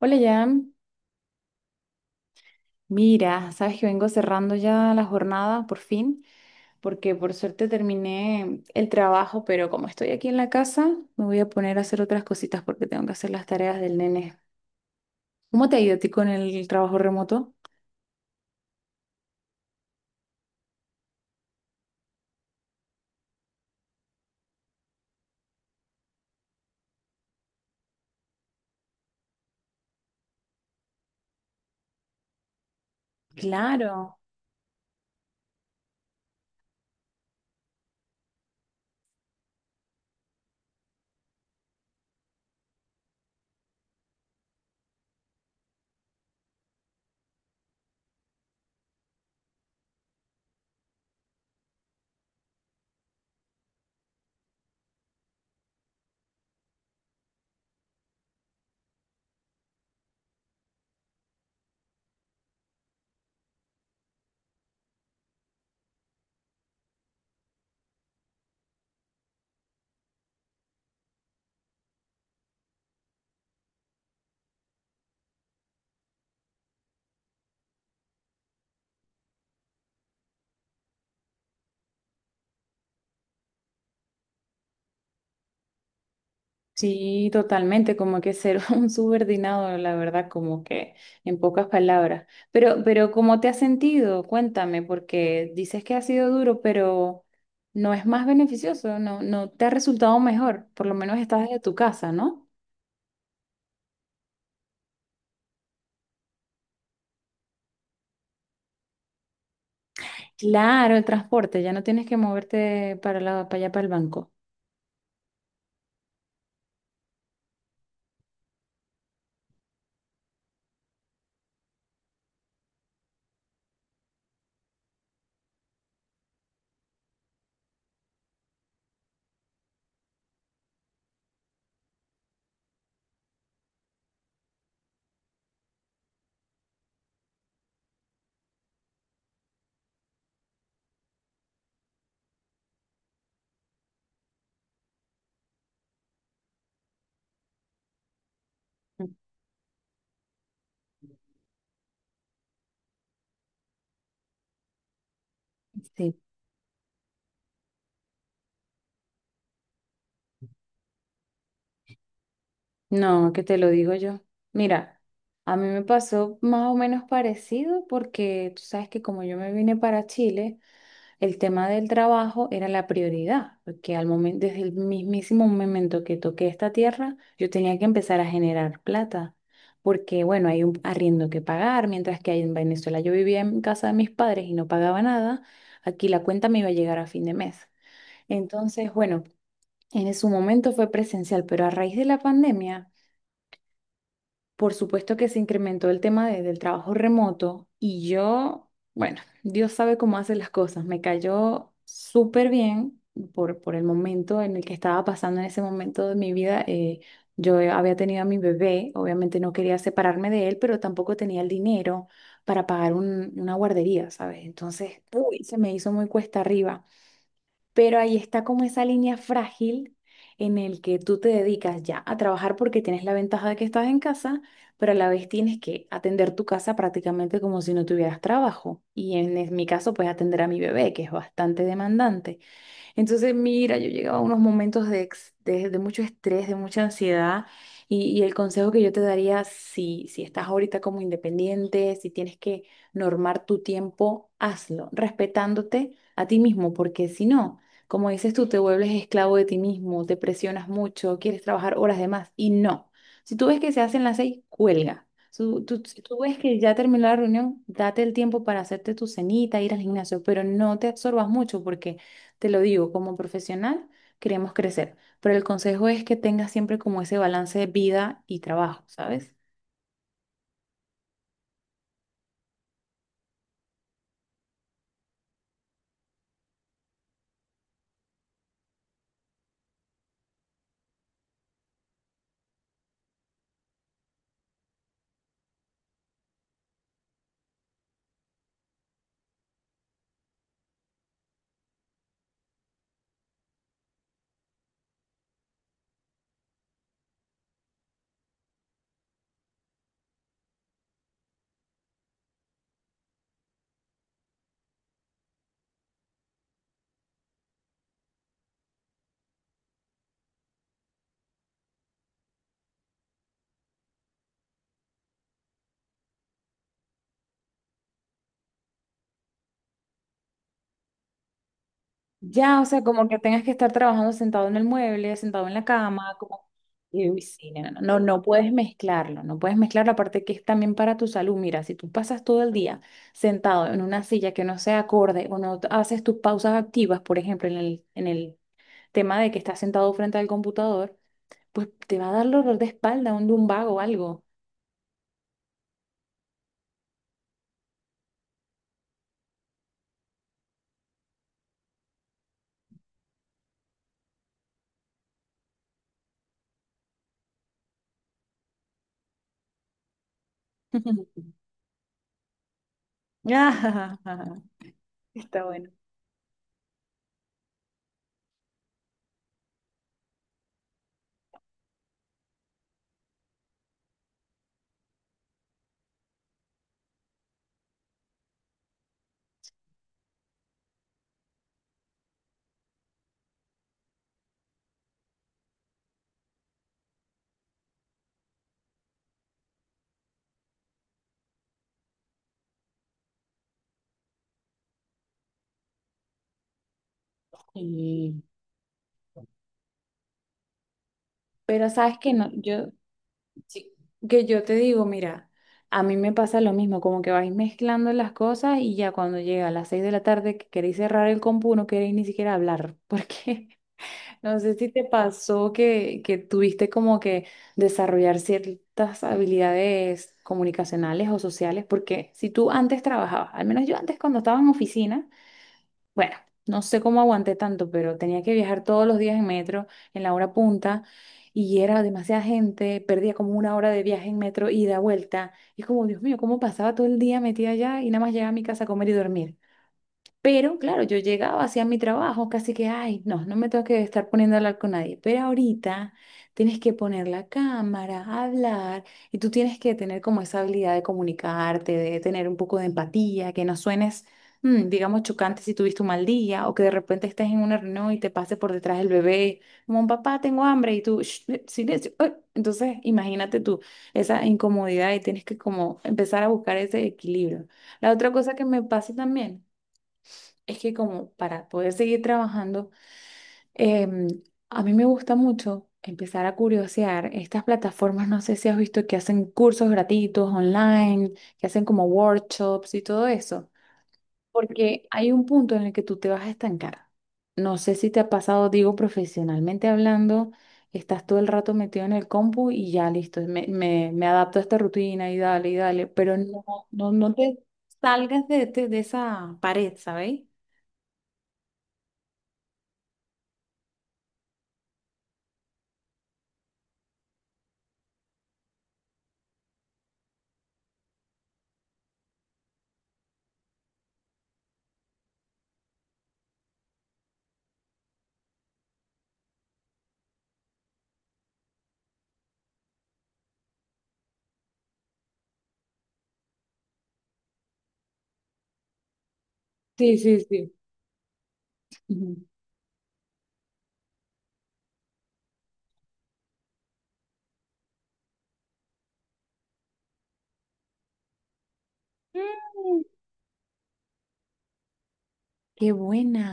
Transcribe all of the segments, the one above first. Hola, Jan. Mira, sabes que vengo cerrando ya la jornada por fin, porque por suerte terminé el trabajo, pero como estoy aquí en la casa, me voy a poner a hacer otras cositas porque tengo que hacer las tareas del nene. ¿Cómo te ha ido a ti con el trabajo remoto? Claro. Sí, totalmente, como que ser un subordinado, la verdad, como que en pocas palabras. Pero ¿cómo te has sentido? Cuéntame, porque dices que ha sido duro, pero no es más beneficioso, no, no te ha resultado mejor, por lo menos estás desde tu casa, ¿no? Claro, el transporte, ya no tienes que moverte para allá, para el banco. Mm. Sí, no, que te lo digo yo. Mira, a mí me pasó más o menos parecido porque tú sabes que como yo me vine para Chile, el tema del trabajo era la prioridad, porque al momento, desde el mismísimo momento que toqué esta tierra, yo tenía que empezar a generar plata, porque bueno, hay un arriendo que pagar, mientras que ahí en Venezuela yo vivía en casa de mis padres y no pagaba nada, aquí la cuenta me iba a llegar a fin de mes. Entonces, bueno, en su momento fue presencial, pero a raíz de la pandemia por supuesto que se incrementó el tema del trabajo remoto y yo, bueno, Dios sabe cómo hace las cosas. Me cayó súper bien por el momento en el que estaba pasando en ese momento de mi vida. Yo había tenido a mi bebé, obviamente no quería separarme de él, pero tampoco tenía el dinero para pagar una guardería, ¿sabes? Entonces, uy, se me hizo muy cuesta arriba. Pero ahí está como esa línea frágil en el que tú te dedicas ya a trabajar porque tienes la ventaja de que estás en casa, pero a la vez tienes que atender tu casa prácticamente como si no tuvieras trabajo. Y mi caso, pues atender a mi bebé, que es bastante demandante. Entonces, mira, yo llegaba a unos momentos de mucho estrés, de mucha ansiedad, y el consejo que yo te daría, si estás ahorita como independiente, si tienes que normar tu tiempo, hazlo, respetándote a ti mismo, porque si no, como dices tú, te vuelves esclavo de ti mismo, te presionas mucho, quieres trabajar horas de más, y no. Si tú ves que se hacen las seis, cuelga. Si si tú ves que ya terminó la reunión, date el tiempo para hacerte tu cenita, ir al gimnasio, pero no te absorbas mucho porque te lo digo, como profesional queremos crecer, pero el consejo es que tengas siempre como ese balance de vida y trabajo, ¿sabes? Ya, o sea, como que tengas que estar trabajando sentado en el mueble, sentado en la cama, como... Y, uy, sí, no, no, no, no puedes mezclarlo, no puedes mezclar la parte que es también para tu salud. Mira, si tú pasas todo el día sentado en una silla que no sea acorde o no haces tus pausas activas, por ejemplo, en el tema de que estás sentado frente al computador, pues te va a dar dolor de espalda, un lumbago o algo. Está bueno. Y, pero sabes que no, yo, sí, que yo te digo, mira, a mí me pasa lo mismo, como que vais mezclando las cosas y ya cuando llega a las seis de la tarde que queréis cerrar el compu, no queréis ni siquiera hablar, porque no sé si te pasó que tuviste como que desarrollar ciertas habilidades comunicacionales o sociales, porque si tú antes trabajabas, al menos yo antes cuando estaba en oficina, bueno, no sé cómo aguanté tanto, pero tenía que viajar todos los días en metro, en la hora punta, y era demasiada gente, perdía como una hora de viaje en metro ida, vuelta. Y es como, Dios mío, ¿cómo pasaba todo el día metida allá y nada más llegaba a mi casa a comer y dormir? Pero claro, yo llegaba hacia mi trabajo, casi que, ay, no, no me tengo que estar poniendo a hablar con nadie. Pero ahorita tienes que poner la cámara, hablar, y tú tienes que tener como esa habilidad de comunicarte, de tener un poco de empatía, que no suenes, digamos, chocante si tuviste un mal día, o que de repente estés en una reunión y te pase por detrás el bebé, como papá, tengo hambre, y tú, "Shh, silencio. Ay". Entonces, imagínate tú esa incomodidad y tienes que como empezar a buscar ese equilibrio. La otra cosa que me pasa también. Es que como para poder seguir trabajando, em, a mí me gusta mucho empezar a curiosear estas plataformas, no sé si has visto que hacen cursos gratuitos online, que hacen como workshops y todo eso, porque hay un punto en el que tú te vas a estancar. No sé si te ha pasado, digo, profesionalmente hablando, estás todo el rato metido en el compu y ya listo, me adapto a esta rutina y dale, pero no, no, no te salgas de, de esa pared, ¿sabes? Sí, sí, sí. Ujú. Mm, qué buena.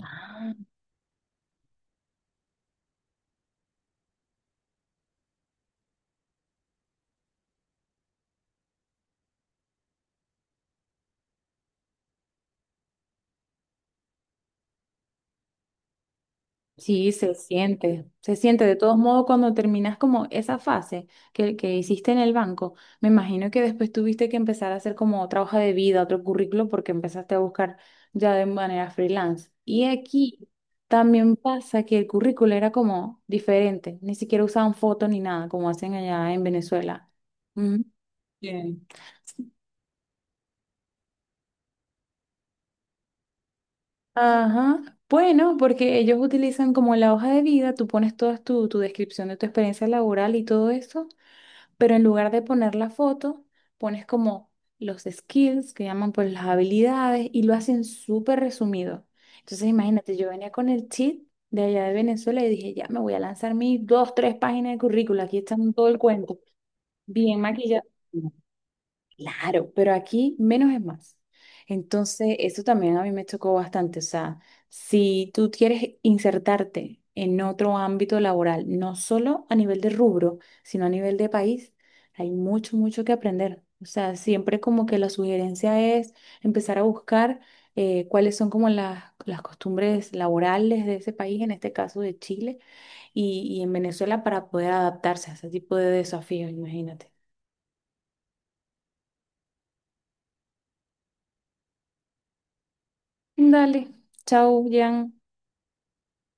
Ah, sí, se siente, se siente. De todos modos, cuando terminas como esa fase que hiciste en el banco, me imagino que después tuviste que empezar a hacer como otra hoja de vida, otro currículo, porque empezaste a buscar ya de manera freelance. Y aquí también pasa que el currículo era como diferente, ni siquiera usaban foto ni nada, como hacen allá en Venezuela. Ujú. Bien. Ajá. Bueno, porque ellos utilizan como la hoja de vida, tú pones toda tu descripción de tu experiencia laboral y todo eso, pero en lugar de poner la foto, pones como los skills que llaman pues las habilidades y lo hacen súper resumido. Entonces imagínate, yo venía con el cheat de allá de Venezuela y dije, ya me voy a lanzar mis dos, tres páginas de currícula, aquí están todo el cuento, bien maquillado. Claro, pero aquí menos es más. Entonces, eso también a mí me chocó bastante. O sea, si tú quieres insertarte en otro ámbito laboral, no solo a nivel de rubro, sino a nivel de país, hay mucho, mucho que aprender. O sea, siempre como que la sugerencia es empezar a buscar cuáles son como las costumbres laborales de ese país, en este caso de Chile y en Venezuela, para poder adaptarse a ese tipo de desafíos, imagínate. Dale, chao, Jan.